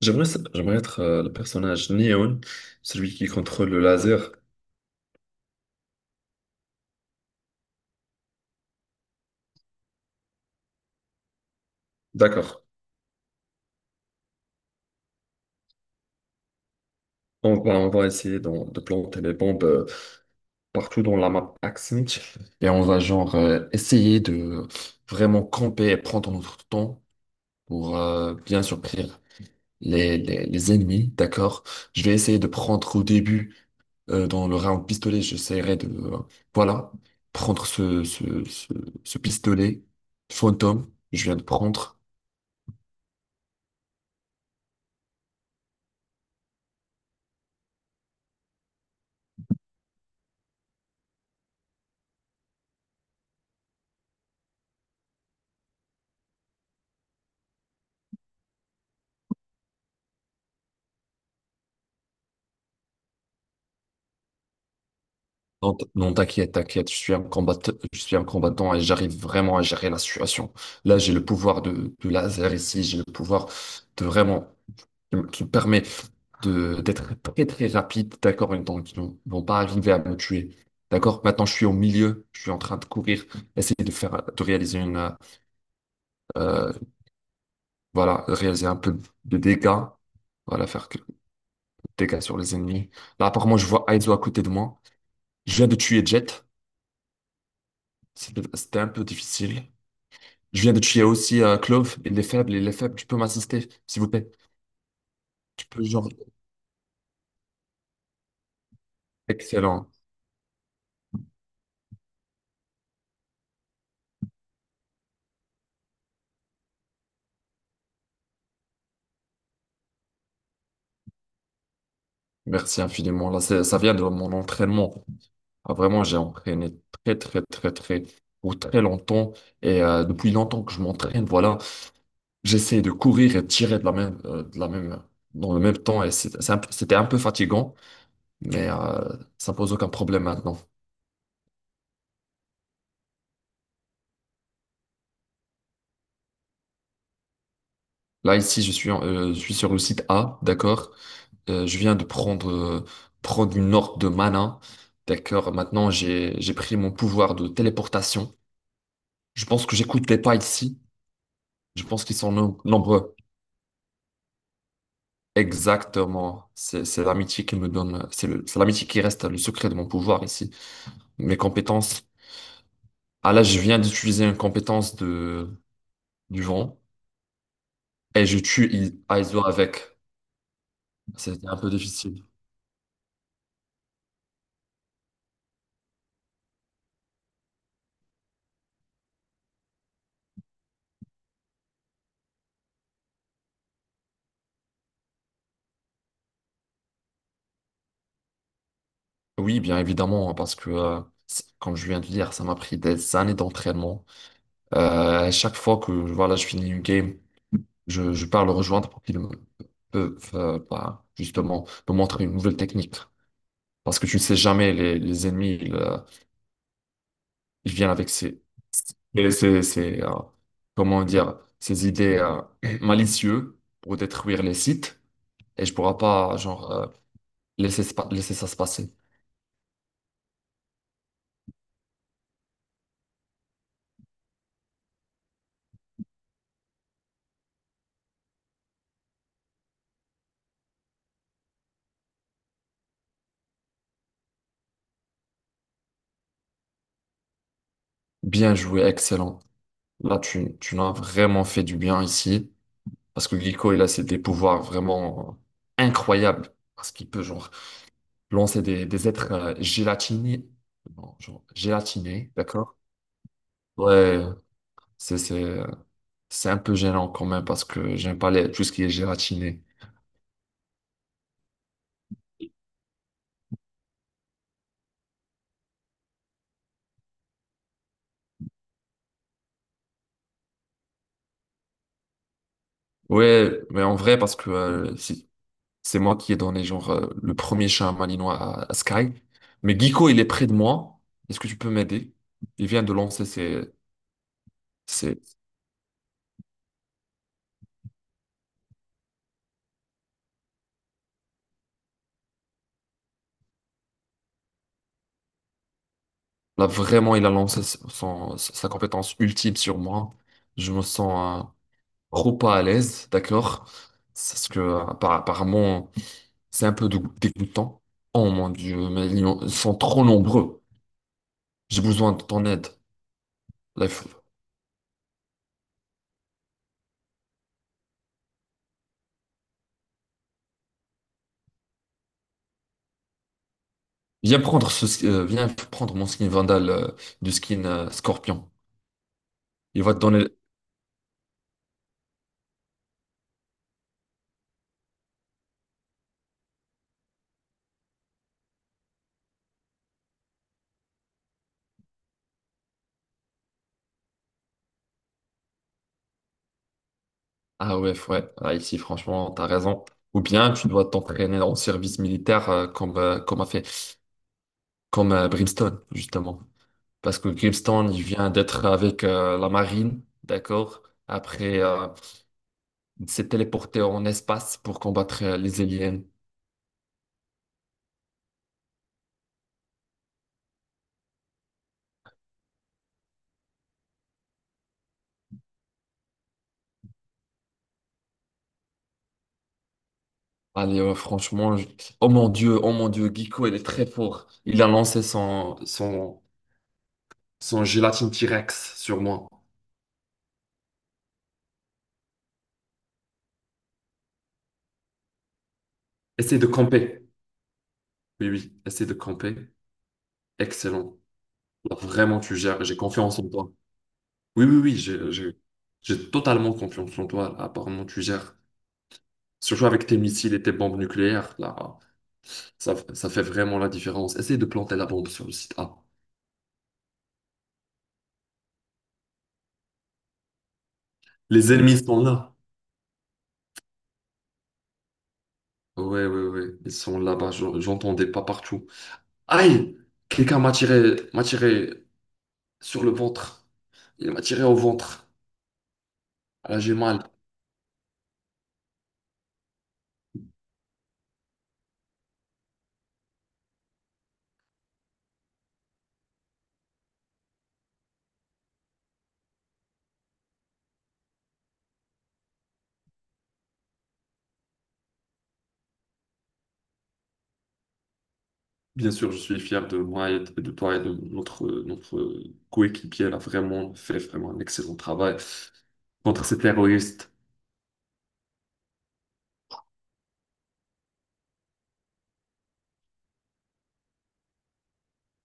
J'aimerais, j'aimerais être le personnage Neon, celui qui contrôle le laser. D'accord. On va essayer de planter les bombes partout dans la map Axmit. Et on va essayer de vraiment camper et prendre notre temps pour bien surprendre les ennemis. D'accord. Je vais essayer de prendre au début dans le round pistolet, j'essaierai de voilà, prendre ce pistolet fantôme. Je viens de prendre. Non, non, t'inquiète, je suis un combattant et j'arrive vraiment à gérer la situation. Là, j'ai le pouvoir de laser ici, j'ai le pouvoir de vraiment, qui me permet d'être très très rapide, d'accord, et donc vont pas arriver à me tuer. D'accord? Maintenant, je suis au milieu, je suis en train de courir, essayer de faire, de réaliser euh, voilà, réaliser un peu de dégâts, voilà, faire quelques dégâts sur les ennemis. Là, apparemment, je vois Aizo à côté de moi. Je viens de tuer Jet, c'était un peu difficile. Je viens de tuer aussi Clove. Il est faible, il est faible. Tu peux m'assister, s'il vous plaît. Tu peux, genre. Excellent. Merci infiniment. Ça vient de mon entraînement. Ah, vraiment, j'ai entraîné très, très, très, très, pour très longtemps. Et depuis longtemps que je m'entraîne, voilà. J'essaie de courir et de tirer de la même, dans le même temps. Et c'est c'était un peu fatigant, mais ça pose aucun problème maintenant. Là, ici, je suis, je suis sur le site A, d'accord? Je viens de prendre, prendre une orbe de mana. D'accord, maintenant j'ai pris mon pouvoir de téléportation. Je pense que j'écoute les pas ici. Je pense qu'ils sont nombreux. Exactement. C'est l'amitié qui me donne, c'est l'amitié qui reste le secret de mon pouvoir ici. Mes compétences. Ah là, je viens d'utiliser une compétence du vent et je tue Aizo avec. C'était un peu difficile. Oui, bien évidemment, parce que, comme je viens de dire, ça m'a pris des années d'entraînement. À chaque fois que voilà, je finis une game, je pars le rejoindre pour qu'il me peuvent bah, justement me montrer une nouvelle technique. Parce que tu ne sais jamais, les ennemis, ils viennent avec ces, ces- ces, euh, comment dire, ces idées malicieuses pour détruire les sites et je pourrais pas laisser, laisser ça se passer. Bien joué, excellent. Là, tu l'as vraiment fait du bien ici. Parce que Glico, des pouvoirs vraiment incroyables. Parce qu'il peut, genre, lancer des êtres gélatinés. Bon, genre, gélatinés, d'accord? Ouais, c'est, c'est, c'est un peu gênant quand même parce que j'aime pas les, tout ce qui est gélatiné. Ouais, mais en vrai, parce que c'est moi qui ai donné, genre, le premier chat malinois à Sky. Mais Glico, il est près de moi. Est-ce que tu peux m'aider? Il vient de lancer ses, Là, vraiment, il a lancé son, sa compétence ultime sur moi. Je me sens trop pas à l'aise, d'accord? Parce que, apparemment, c'est un peu dégoûtant. Oh mon Dieu, mais ils sont trop nombreux. J'ai besoin de ton aide. Là, il faut- Viens prendre viens prendre mon skin Vandal du skin Scorpion. Il va te donner. Ah ouais, ouais. Ah, ici, franchement, t'as raison. Ou bien tu dois t'entraîner en service militaire comme a fait comme Brimstone, justement. Parce que Grimstone, il vient d'être avec la marine, d'accord? Après, il s'est téléporté en espace pour combattre les aliens. Allez, franchement, oh mon Dieu, Giko, il est très fort. Il a lancé son gélatine T-Rex sur moi. Essaye de camper. Oui, oui, essaye de camper. Excellent. Là, vraiment, tu gères. J'ai confiance en toi. Oui, oui, oui, j'ai totalement confiance en toi. Apparemment, tu gères. Surtout avec tes missiles et tes bombes nucléaires, là, ça fait vraiment la différence. Essaye de planter la bombe sur le site A. Les ennemis sont là. Ouais, ouais, ouais, ils sont là-bas, j'entendais pas partout. Aïe! M'a tiré sur le ventre. Il m'a tiré au ventre. Là, j'ai mal. Bien sûr, je suis fier de moi et de toi et de notre, notre coéquipier. Elle a vraiment fait vraiment un excellent travail contre ces terroristes.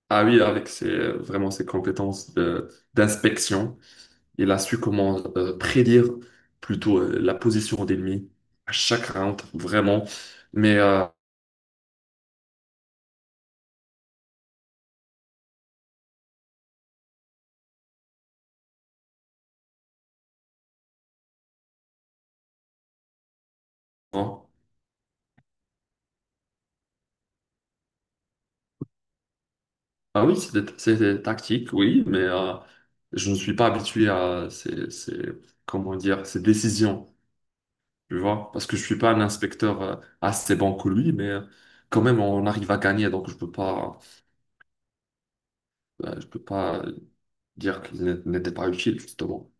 Ah oui, avec ses, vraiment ses compétences d'inspection. Il a su comment prédire plutôt la position d'ennemi à chaque round, vraiment. Mais hein. Ah oui, c'est des tactiques, oui, mais je ne suis pas habitué à comment dire, ces décisions, tu vois, parce que je ne suis pas un inspecteur assez bon que lui, mais quand même, on arrive à gagner, donc je peux pas dire qu'il n'était pas utile, justement.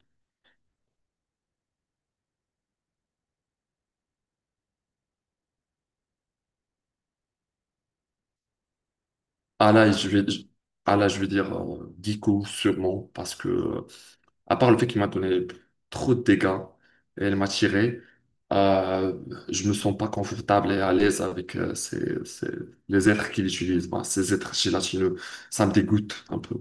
Ah là, je vais, je- ah là, je vais dire Dico, sûrement, parce que. À part le fait qu'il m'a donné trop de dégâts et il m'a tiré, euh, je me sens pas confortable et à l'aise avec les êtres qu'il utilise, bah, ces êtres gélatineux. Ça me dégoûte un peu.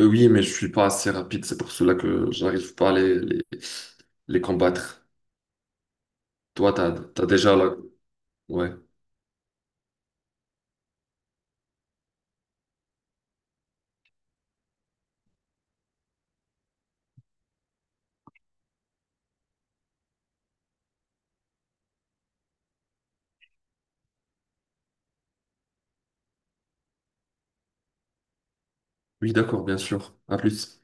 Oui, mais je suis pas assez rapide, c'est pour cela que j'arrive pas à les combattre. T'as déjà la... Ouais. Oui, d'accord, bien sûr. À plus.